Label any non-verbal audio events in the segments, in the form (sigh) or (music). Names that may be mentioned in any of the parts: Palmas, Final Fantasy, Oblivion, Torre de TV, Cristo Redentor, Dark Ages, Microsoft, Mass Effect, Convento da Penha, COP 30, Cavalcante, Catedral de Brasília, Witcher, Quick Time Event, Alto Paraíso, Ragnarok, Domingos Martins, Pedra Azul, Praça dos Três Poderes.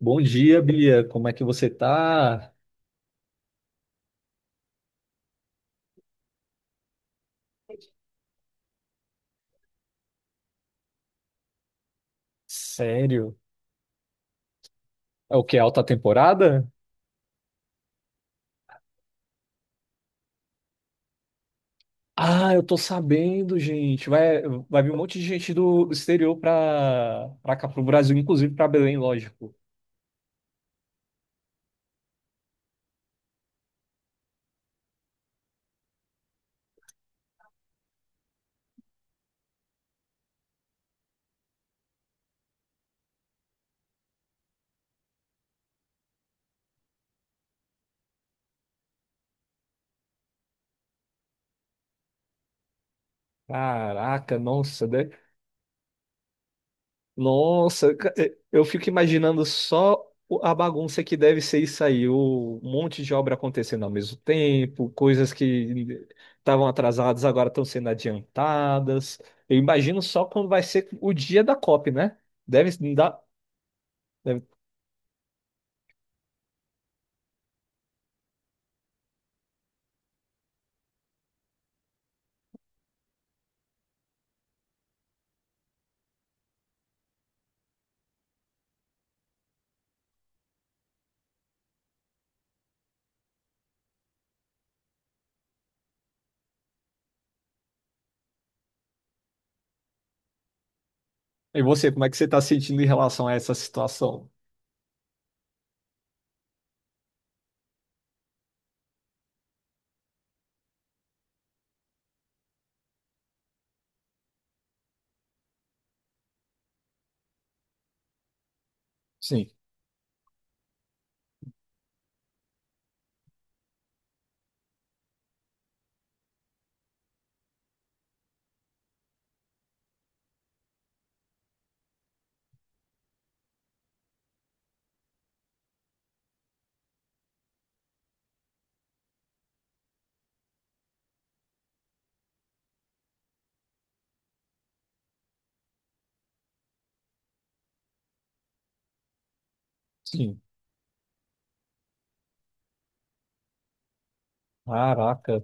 Bom dia, Bia. Como é que você tá? Sério? É o que? Alta temporada? Ah, eu tô sabendo, gente. Vai, vai vir um monte de gente do exterior pra cá, pro Brasil, inclusive pra Belém, lógico. Caraca, nossa, nossa, eu fico imaginando só a bagunça que deve ser isso aí, o um monte de obra acontecendo ao mesmo tempo, coisas que estavam atrasadas agora estão sendo adiantadas. Eu imagino só quando vai ser o dia da COP, né? Deve dar. deve- E você, como é que você está sentindo em relação a essa situação? Sim, sim. Caraca.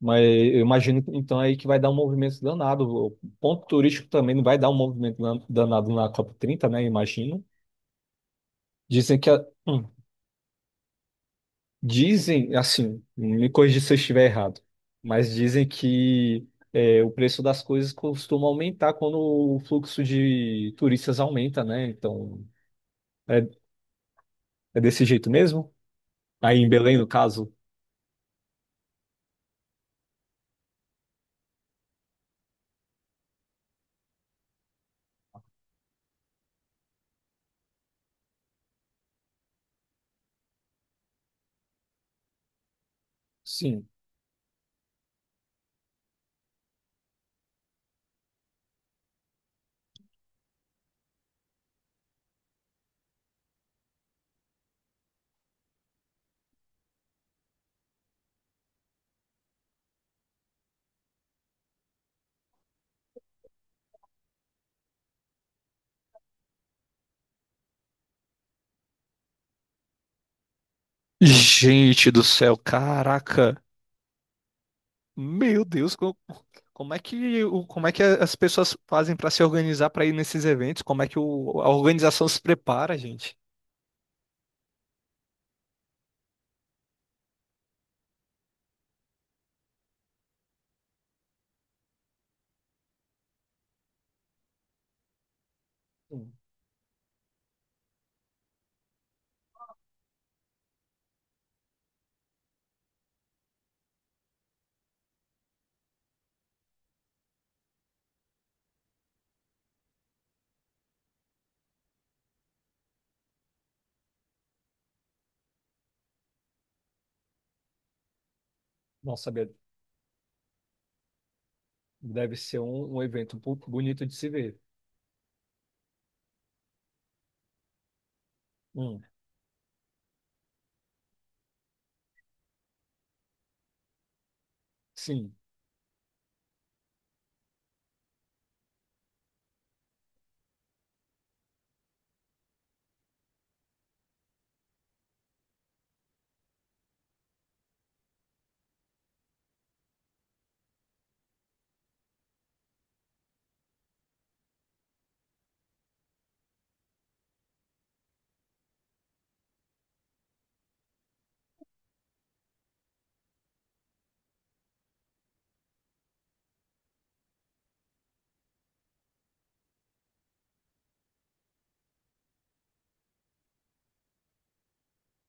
Mas eu imagino então aí que vai dar um movimento danado. O ponto turístico também não vai dar um movimento danado na COP 30, né? Imagino. Dizem que dizem assim, me corrija se eu estiver errado, mas dizem que é, o preço das coisas costuma aumentar quando o fluxo de turistas aumenta, né? Então é, é desse jeito mesmo? Aí em Belém, no caso? Sim. Gente do céu, caraca. Meu Deus, como, é que como é que as pessoas fazem para se organizar para ir nesses eventos? Como é que a organização se prepara, gente? Hum. Não sabia. Deve ser um, um evento bonito de se ver. Hum, sim.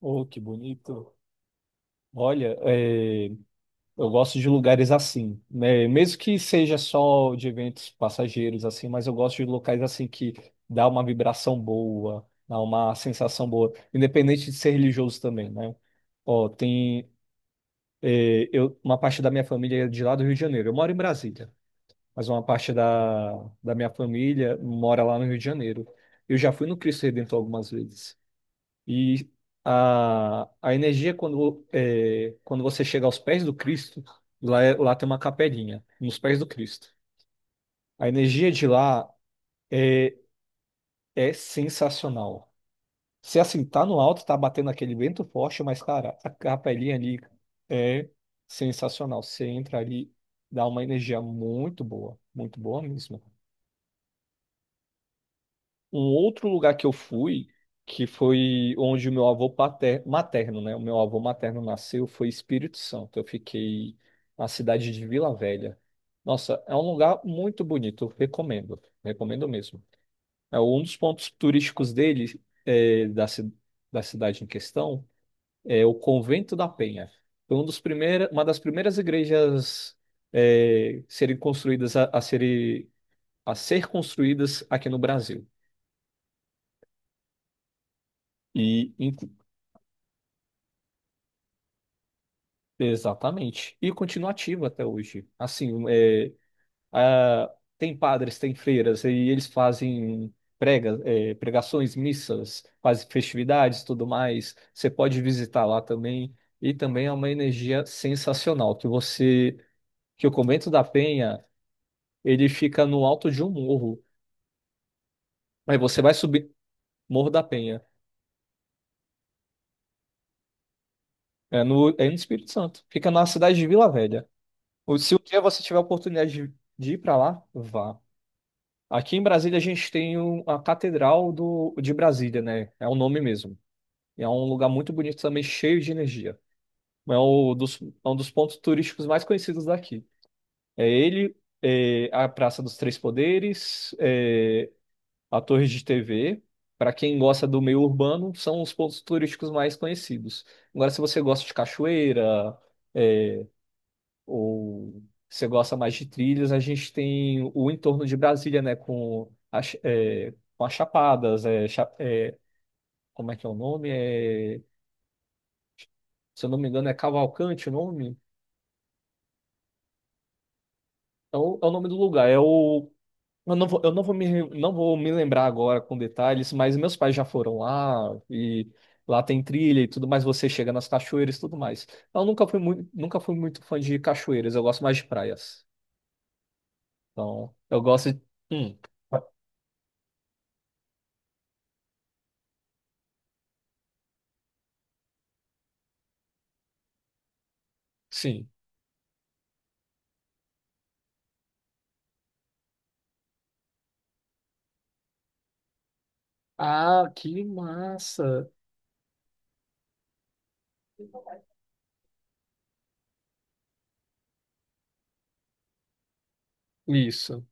Oh, que bonito. Olha, é, eu gosto de lugares assim, né? Mesmo que seja só de eventos passageiros assim, mas eu gosto de locais assim que dá uma vibração boa, dá uma sensação boa, independente de ser religioso também, né? Ó, tem é, eu, uma parte da minha família é de lá do Rio de Janeiro. Eu moro em Brasília, mas uma parte da minha família mora lá no Rio de Janeiro. Eu já fui no Cristo Redentor algumas vezes. E a energia, quando, é, quando você chega aos pés do Cristo, lá, lá tem uma capelinha, nos pés do Cristo. A energia de lá é, é sensacional. Se assim, tá no alto, tá batendo aquele vento forte, mas, cara, a capelinha ali é sensacional. Você entra ali, dá uma energia muito boa mesmo. Um outro lugar que eu fui, que foi onde o meu avô materno, né? O meu avô materno nasceu, foi Espírito Santo. Eu fiquei na cidade de Vila Velha. Nossa, é um lugar muito bonito, eu recomendo, recomendo mesmo. É um dos pontos turísticos dele, é, da cidade em questão, é o Convento da Penha. Foi um dos primeira, uma das primeiras igrejas, é, serem construídas a ser construídas aqui no Brasil. E, in- Exatamente. E continua ativo até hoje. Assim, é, a- tem padres, tem freiras, e eles fazem pregações, missas, fazem festividades, tudo mais. Você pode visitar lá também. E também é uma energia sensacional, que você, que o Convento da Penha, ele fica no alto de um morro. Aí você vai subir Morro da Penha. É no Espírito Santo. Fica na cidade de Vila Velha. Ou se um dia você tiver a oportunidade de ir para lá, vá. Aqui em Brasília a gente tem a Catedral de Brasília, né? É o nome mesmo. E é um lugar muito bonito também, cheio de energia. É um dos pontos turísticos mais conhecidos daqui. É ele, é a Praça dos Três Poderes, é a Torre de TV. Para quem gosta do meio urbano, são os pontos turísticos mais conhecidos. Agora, se você gosta de cachoeira, é, ou você gosta mais de trilhas, a gente tem o entorno de Brasília, né? Com as chapadas, é, cha- é, como é que é o nome? É, se eu não me engano, é Cavalcante o nome? É o nome do lugar. É o, eu não vou me, não vou me lembrar agora com detalhes, mas meus pais já foram lá e lá tem trilha e tudo mais. Você chega nas cachoeiras e tudo mais. Eu nunca fui muito, nunca fui muito fã de cachoeiras, eu gosto mais de praias. Então, eu gosto de. Hum, sim. Ah, que massa. Isso,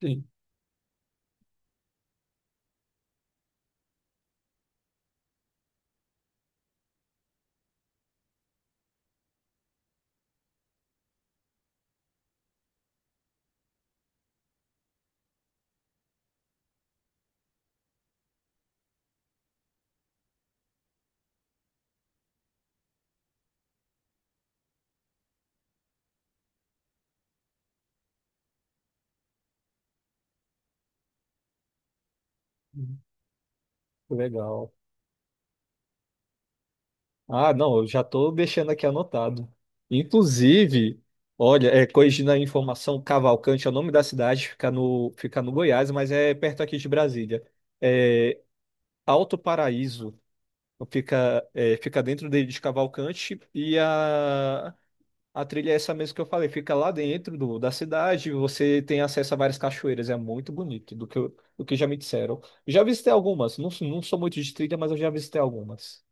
sim. Legal. Ah, não, eu já estou deixando aqui anotado. Inclusive, olha, é, corrigindo a informação, Cavalcante é o nome da cidade, fica no Goiás, mas é perto aqui de Brasília. É Alto Paraíso, fica, é, fica dentro de Cavalcante e a trilha é essa mesmo que eu falei, fica lá dentro da cidade, você tem acesso a várias cachoeiras, é muito bonito, do que, do que já me disseram. Já visitei algumas, não, não sou muito de trilha, mas eu já visitei algumas.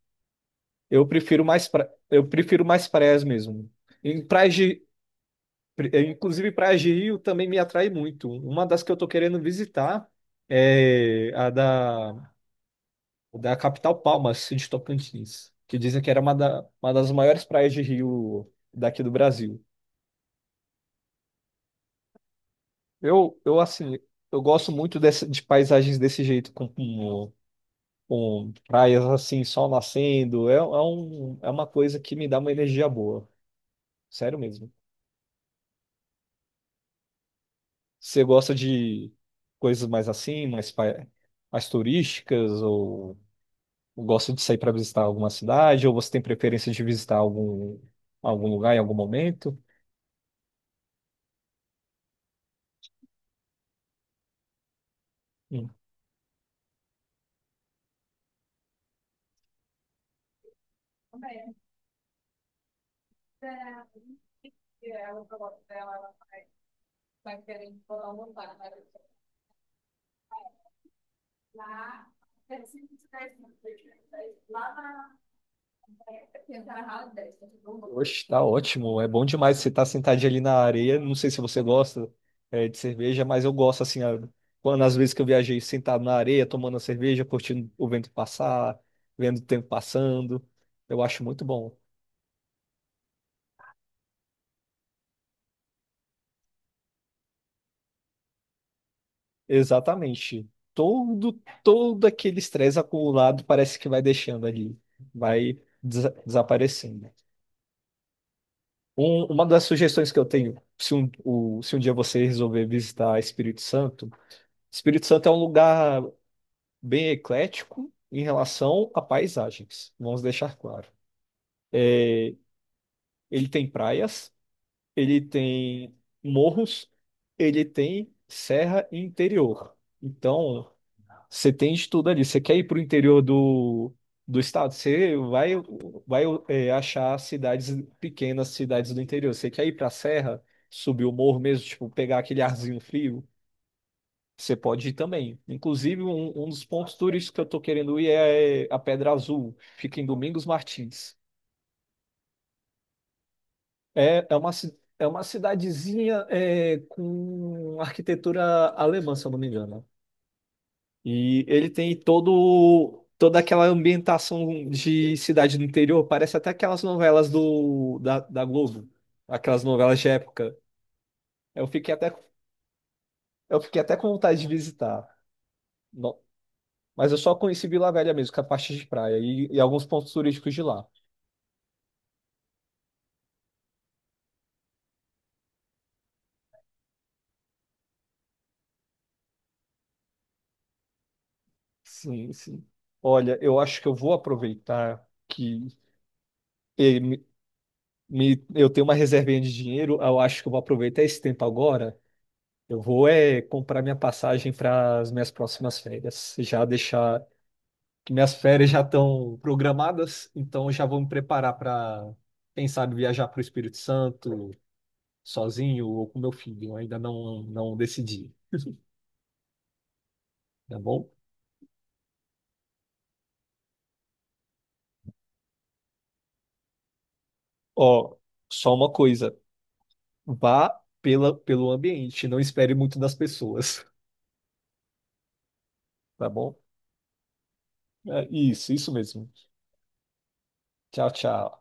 Eu prefiro mais, pra, eu prefiro mais praias mesmo. Em praias de, inclusive praias de Rio também me atrai muito. Uma das que eu tô querendo visitar é a da, da capital Palmas, de Tocantins, que dizem que era uma, uma das maiores praias de Rio daqui do Brasil. Eu assim, eu gosto muito de paisagens desse jeito, com praias assim, sol nascendo. É, é um, é uma coisa que me dá uma energia boa. Sério mesmo. Você gosta de coisas mais assim, mais, mais turísticas, ou gosta de sair para visitar alguma cidade, ou você tem preferência de visitar algum, algum lugar em algum momento? Hum. Oxe, tá ótimo. É bom demais você estar sentadinho ali na areia. Não sei se você gosta, eh, de cerveja, mas eu gosto assim. A- Quando às vezes que eu viajei sentado na areia, tomando a cerveja, curtindo o vento passar, vendo o tempo passando. Eu acho muito bom. Exatamente. Todo, todo aquele estresse acumulado parece que vai deixando ali, vai desaparecendo. Uma das sugestões que eu tenho, se um, se um dia você resolver visitar Espírito Santo, Espírito Santo é um lugar bem eclético em relação a paisagens, vamos deixar claro. Ele tem praias, ele tem morros, ele tem serra e interior. Então, você tem de tudo ali. Você quer ir para o interior do estado? Você vai, vai é, achar cidades pequenas, cidades do interior. Você quer ir para a serra, subir o morro mesmo, tipo, pegar aquele arzinho frio? Você pode ir também. Inclusive, um dos pontos turísticos que eu estou querendo ir é a Pedra Azul. Fica em Domingos Martins. É, é uma, é uma cidadezinha é, com arquitetura alemã, se eu não me engano. E ele tem todo, toda aquela ambientação de cidade do interior. Parece até aquelas novelas da Globo. Aquelas novelas de época. Eu fiquei até, eu fiquei até com vontade de visitar. Mas eu só conheci Vila Velha mesmo, que é a parte de praia e alguns pontos turísticos de lá. Sim, sim. Olha, eu acho que eu vou aproveitar que eh, me- eu tenho uma reservinha de dinheiro. Eu acho que eu vou aproveitar esse tempo agora. Eu vou é comprar minha passagem para as minhas próximas férias. Já deixar que minhas férias já estão programadas, então eu já vou me preparar para, quem sabe, viajar para o Espírito Santo sozinho ou com meu filho. Eu ainda não decidi, tá bom? Ó, só uma coisa. Vá pela, pelo ambiente, não espere muito das pessoas, (laughs) tá bom? É, isso mesmo. Tchau, tchau.